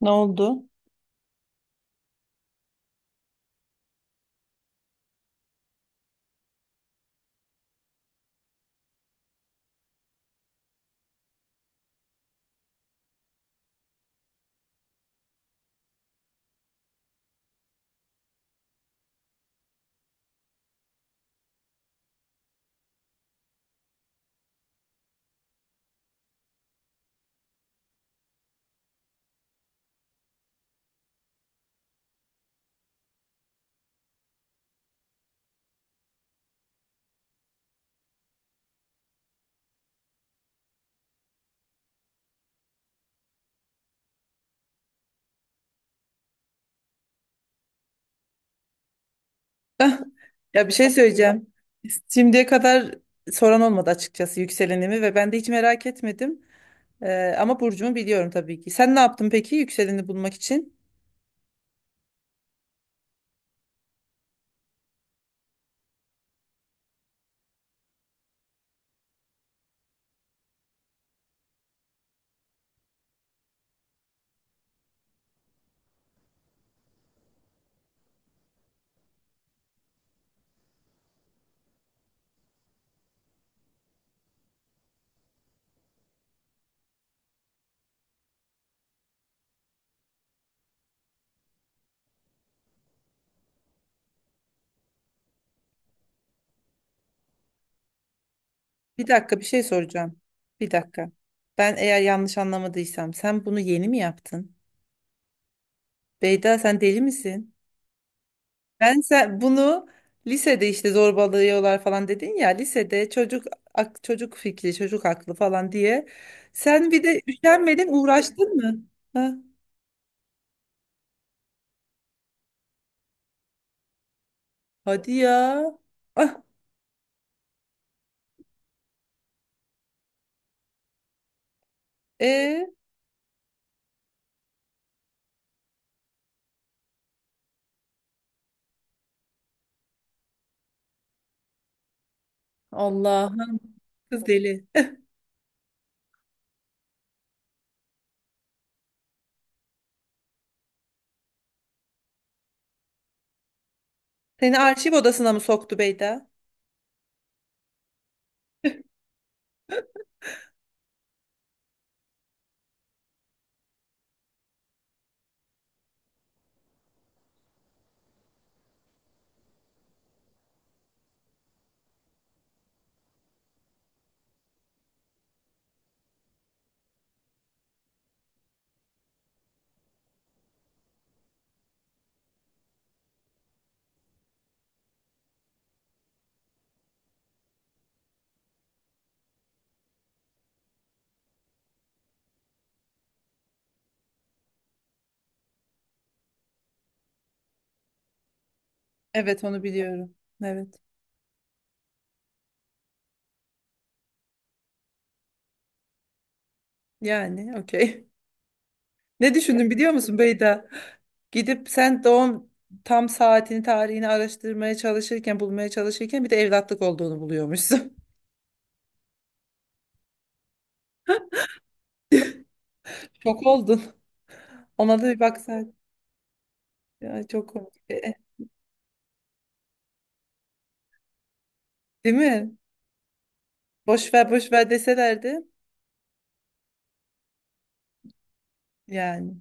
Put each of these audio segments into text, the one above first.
Ne oldu? Ya, bir şey söyleyeceğim. Şimdiye kadar soran olmadı açıkçası yükselenimi ve ben de hiç merak etmedim. Ama burcumu biliyorum tabii ki. Sen ne yaptın peki yükseleni bulmak için? Bir dakika, bir şey soracağım. Bir dakika. Ben eğer yanlış anlamadıysam sen bunu yeni mi yaptın? Beyda, sen deli misin? Ben sen bunu lisede işte zorbalıyorlar falan dedin ya, lisede çocuk çocuk fikri, çocuk aklı falan diye. Sen bir de üşenmedin, uğraştın mı? Ha? Hadi ya. Ah, e Allah'ım, kız deli. Seni arşiv odasına mı soktu Beyda? Evet, onu biliyorum. Evet. Yani okey. Ne düşündün biliyor musun Beyda? Gidip sen doğum tam saatini, tarihini araştırmaya çalışırken, bulmaya çalışırken bir de evlatlık olduğunu buluyormuşsun. Şok oldun. Ona da bir baksaydın. Ya, çok komik. Değil mi? Boş ver boş ver deselerdi. Yani.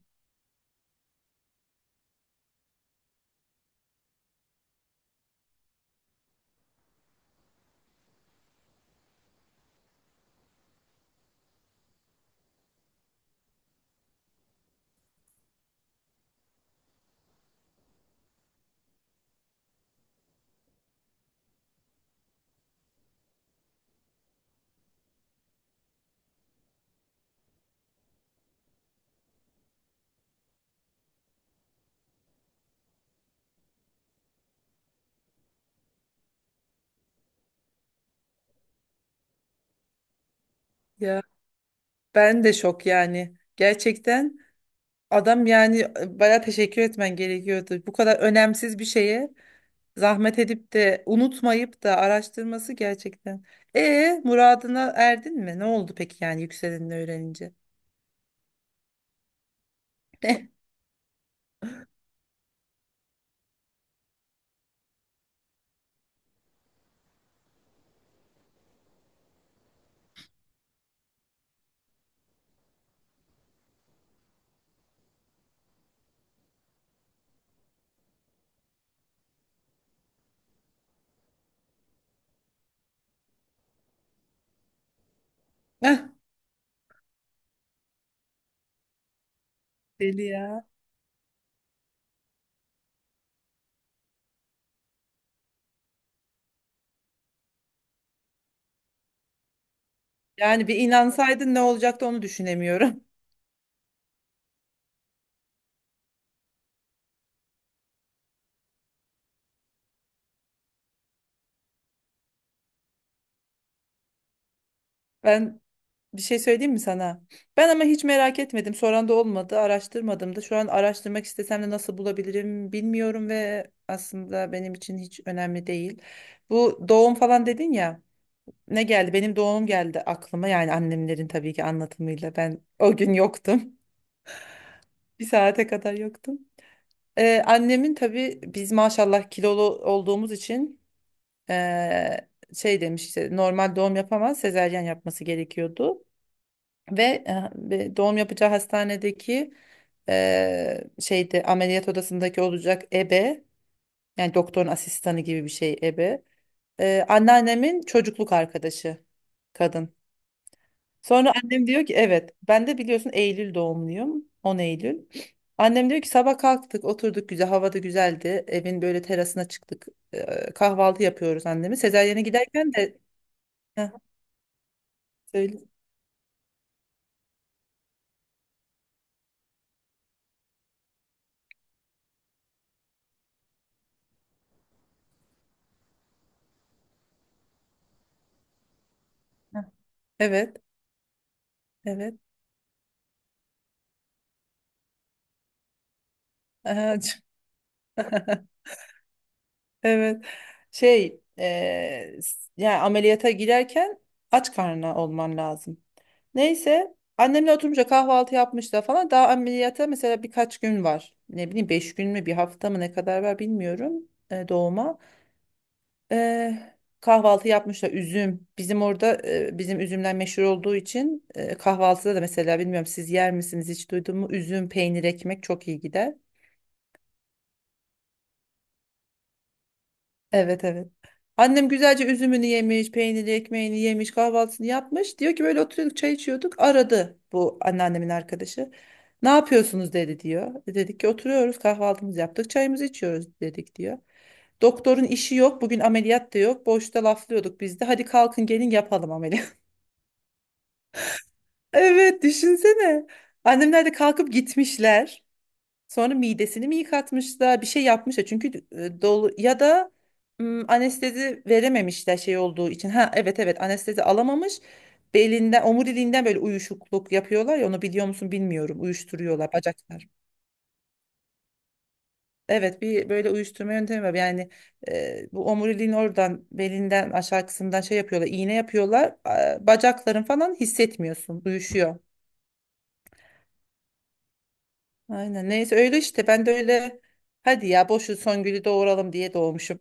Ya, ben de şok yani. Gerçekten. Adam yani baya teşekkür etmen gerekiyordu. Bu kadar önemsiz bir şeye zahmet edip de unutmayıp da araştırması gerçekten. Muradına erdin mi? Ne oldu peki yani yükselenini öğrenince? Eh. Deli ya. Yani bir inansaydın ne olacaktı, onu düşünemiyorum. Ben bir şey söyleyeyim mi sana? Ben ama hiç merak etmedim. Soran da olmadı, araştırmadım da. Şu an araştırmak istesem de nasıl bulabilirim bilmiyorum ve aslında benim için hiç önemli değil. Bu doğum falan dedin ya. Ne geldi? Benim doğum geldi aklıma. Yani annemlerin tabii ki anlatımıyla. Ben o gün yoktum. Bir saate kadar yoktum. Annemin tabii biz maşallah kilolu olduğumuz için ee, şey demiş işte normal doğum yapamaz, sezaryen yapması gerekiyordu. Ve doğum yapacağı hastanedeki şeyde, ameliyat odasındaki olacak ebe, yani doktorun asistanı gibi bir şey ebe. Anneannemin çocukluk arkadaşı kadın. Sonra annem diyor ki evet, ben de biliyorsun Eylül doğumluyum, 10 Eylül. Annem diyor ki sabah kalktık, oturduk, güzel havada, güzeldi, evin böyle terasına çıktık. Kahvaltı yapıyoruz annemi. Sezaryen'e giderken de Heh, söyle. Evet, evet. Aha. Evet, şey yani ameliyata girerken aç karnına olman lazım. Neyse annemle oturunca kahvaltı yapmış da falan, daha ameliyata mesela birkaç gün var. Ne bileyim 5 gün mü, bir hafta mı, ne kadar var bilmiyorum doğuma. E, kahvaltı yapmışlar üzüm. Bizim orada bizim üzümler meşhur olduğu için kahvaltıda da mesela, bilmiyorum siz yer misiniz, hiç duydun mu? Üzüm, peynir, ekmek çok iyi gider. Evet, evet. Annem güzelce üzümünü yemiş, peyniri, ekmeğini yemiş, kahvaltısını yapmış. Diyor ki böyle oturuyorduk, çay içiyorduk. Aradı bu anneannemin arkadaşı. Ne yapıyorsunuz dedi diyor. Dedik ki oturuyoruz, kahvaltımızı yaptık, çayımızı içiyoruz dedik diyor. Doktorun işi yok bugün, ameliyat da yok. Boşta laflıyorduk, biz de hadi kalkın gelin yapalım ameliyat. Evet, düşünsene. Annemler de kalkıp gitmişler. Sonra midesini mi yıkatmışlar, bir şey yapmışlar. Çünkü dolu ya da anestezi verememişler şey olduğu için. Ha, evet evet, anestezi alamamış. Belinden, omuriliğinden böyle uyuşukluk yapıyorlar ya, onu biliyor musun bilmiyorum. Uyuşturuyorlar bacaklar. Evet, bir böyle uyuşturma yöntemi var. Yani bu omuriliğin oradan, belinden aşağı kısmından şey yapıyorlar. İğne yapıyorlar. Bacakların falan hissetmiyorsun. Uyuşuyor. Aynen, neyse öyle işte, ben de öyle hadi ya boşu Songül'ü doğuralım diye doğmuşum.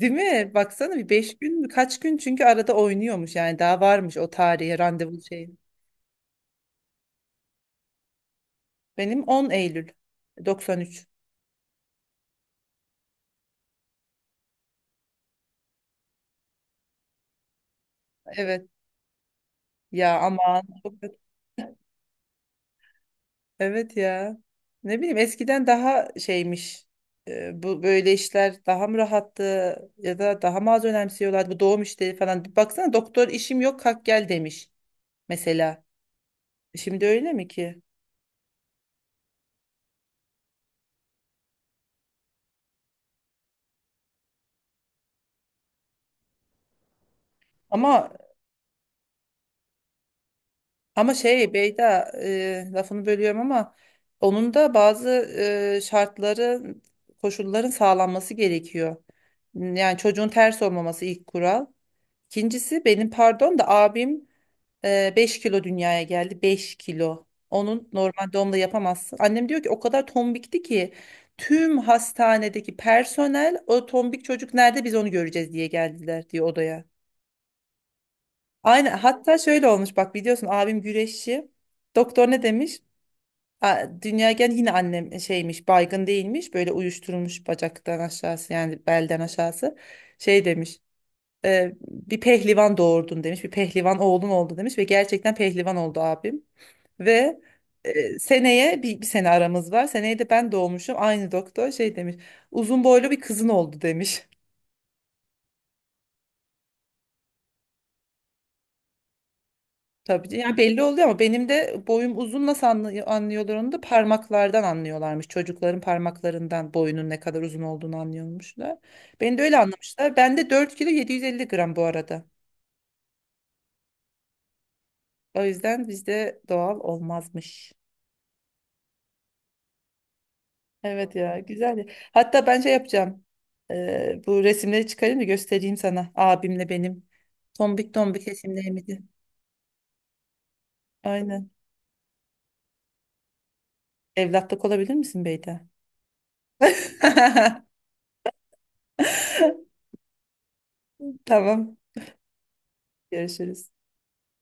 Değil mi? Baksana, bir beş gün mü? Kaç gün, çünkü arada oynuyormuş yani, daha varmış o tarihe randevu şey. Benim 10 Eylül 1993. Evet. Ya aman. Çok kötü. Evet ya. Ne bileyim eskiden daha şeymiş. Bu böyle işler daha mı rahattı, ya da daha mı az önemsiyorlardı bu doğum işleri falan. Baksana doktor işim yok, kalk gel demiş mesela. Şimdi öyle mi ki? Ama Ama şey Beyda, lafını bölüyorum ama onun da bazı şartları, koşulların sağlanması gerekiyor. Yani çocuğun ters olmaması ilk kural. İkincisi, benim pardon da abim 5 kilo dünyaya geldi. 5 kilo. Onun normal doğumla yapamazsın. Annem diyor ki o kadar tombikti ki tüm hastanedeki personel o tombik çocuk nerede, biz onu göreceğiz diye geldiler diyor odaya. Aynen, hatta şöyle olmuş bak, biliyorsun abim güreşçi. Doktor ne demiş? Dünyaya gelen yine annem şeymiş, baygın değilmiş, böyle uyuşturulmuş bacaktan aşağısı, yani belden aşağısı, şey demiş bir pehlivan doğurdun demiş, bir pehlivan oğlun oldu demiş ve gerçekten pehlivan oldu abim ve seneye, bir sene aramız var, seneye de ben doğmuşum, aynı doktor şey demiş, uzun boylu bir kızın oldu demiş. Tabii yani belli oluyor ama benim de boyum uzun, nasıl anlıyorlar onu da, parmaklardan anlıyorlarmış. Çocukların parmaklarından boyunun ne kadar uzun olduğunu anlıyormuşlar. Beni de öyle anlamışlar. Ben de 4 kilo 750 gram bu arada. O yüzden bizde doğal olmazmış. Evet ya, güzel ya. Hatta ben şey yapacağım. Bu resimleri çıkarayım da göstereyim sana. Abimle benim. Tombik tombik resimlerimizi. Aynen. Evlatlık olabilir misin Beyda? Tamam. Görüşürüz.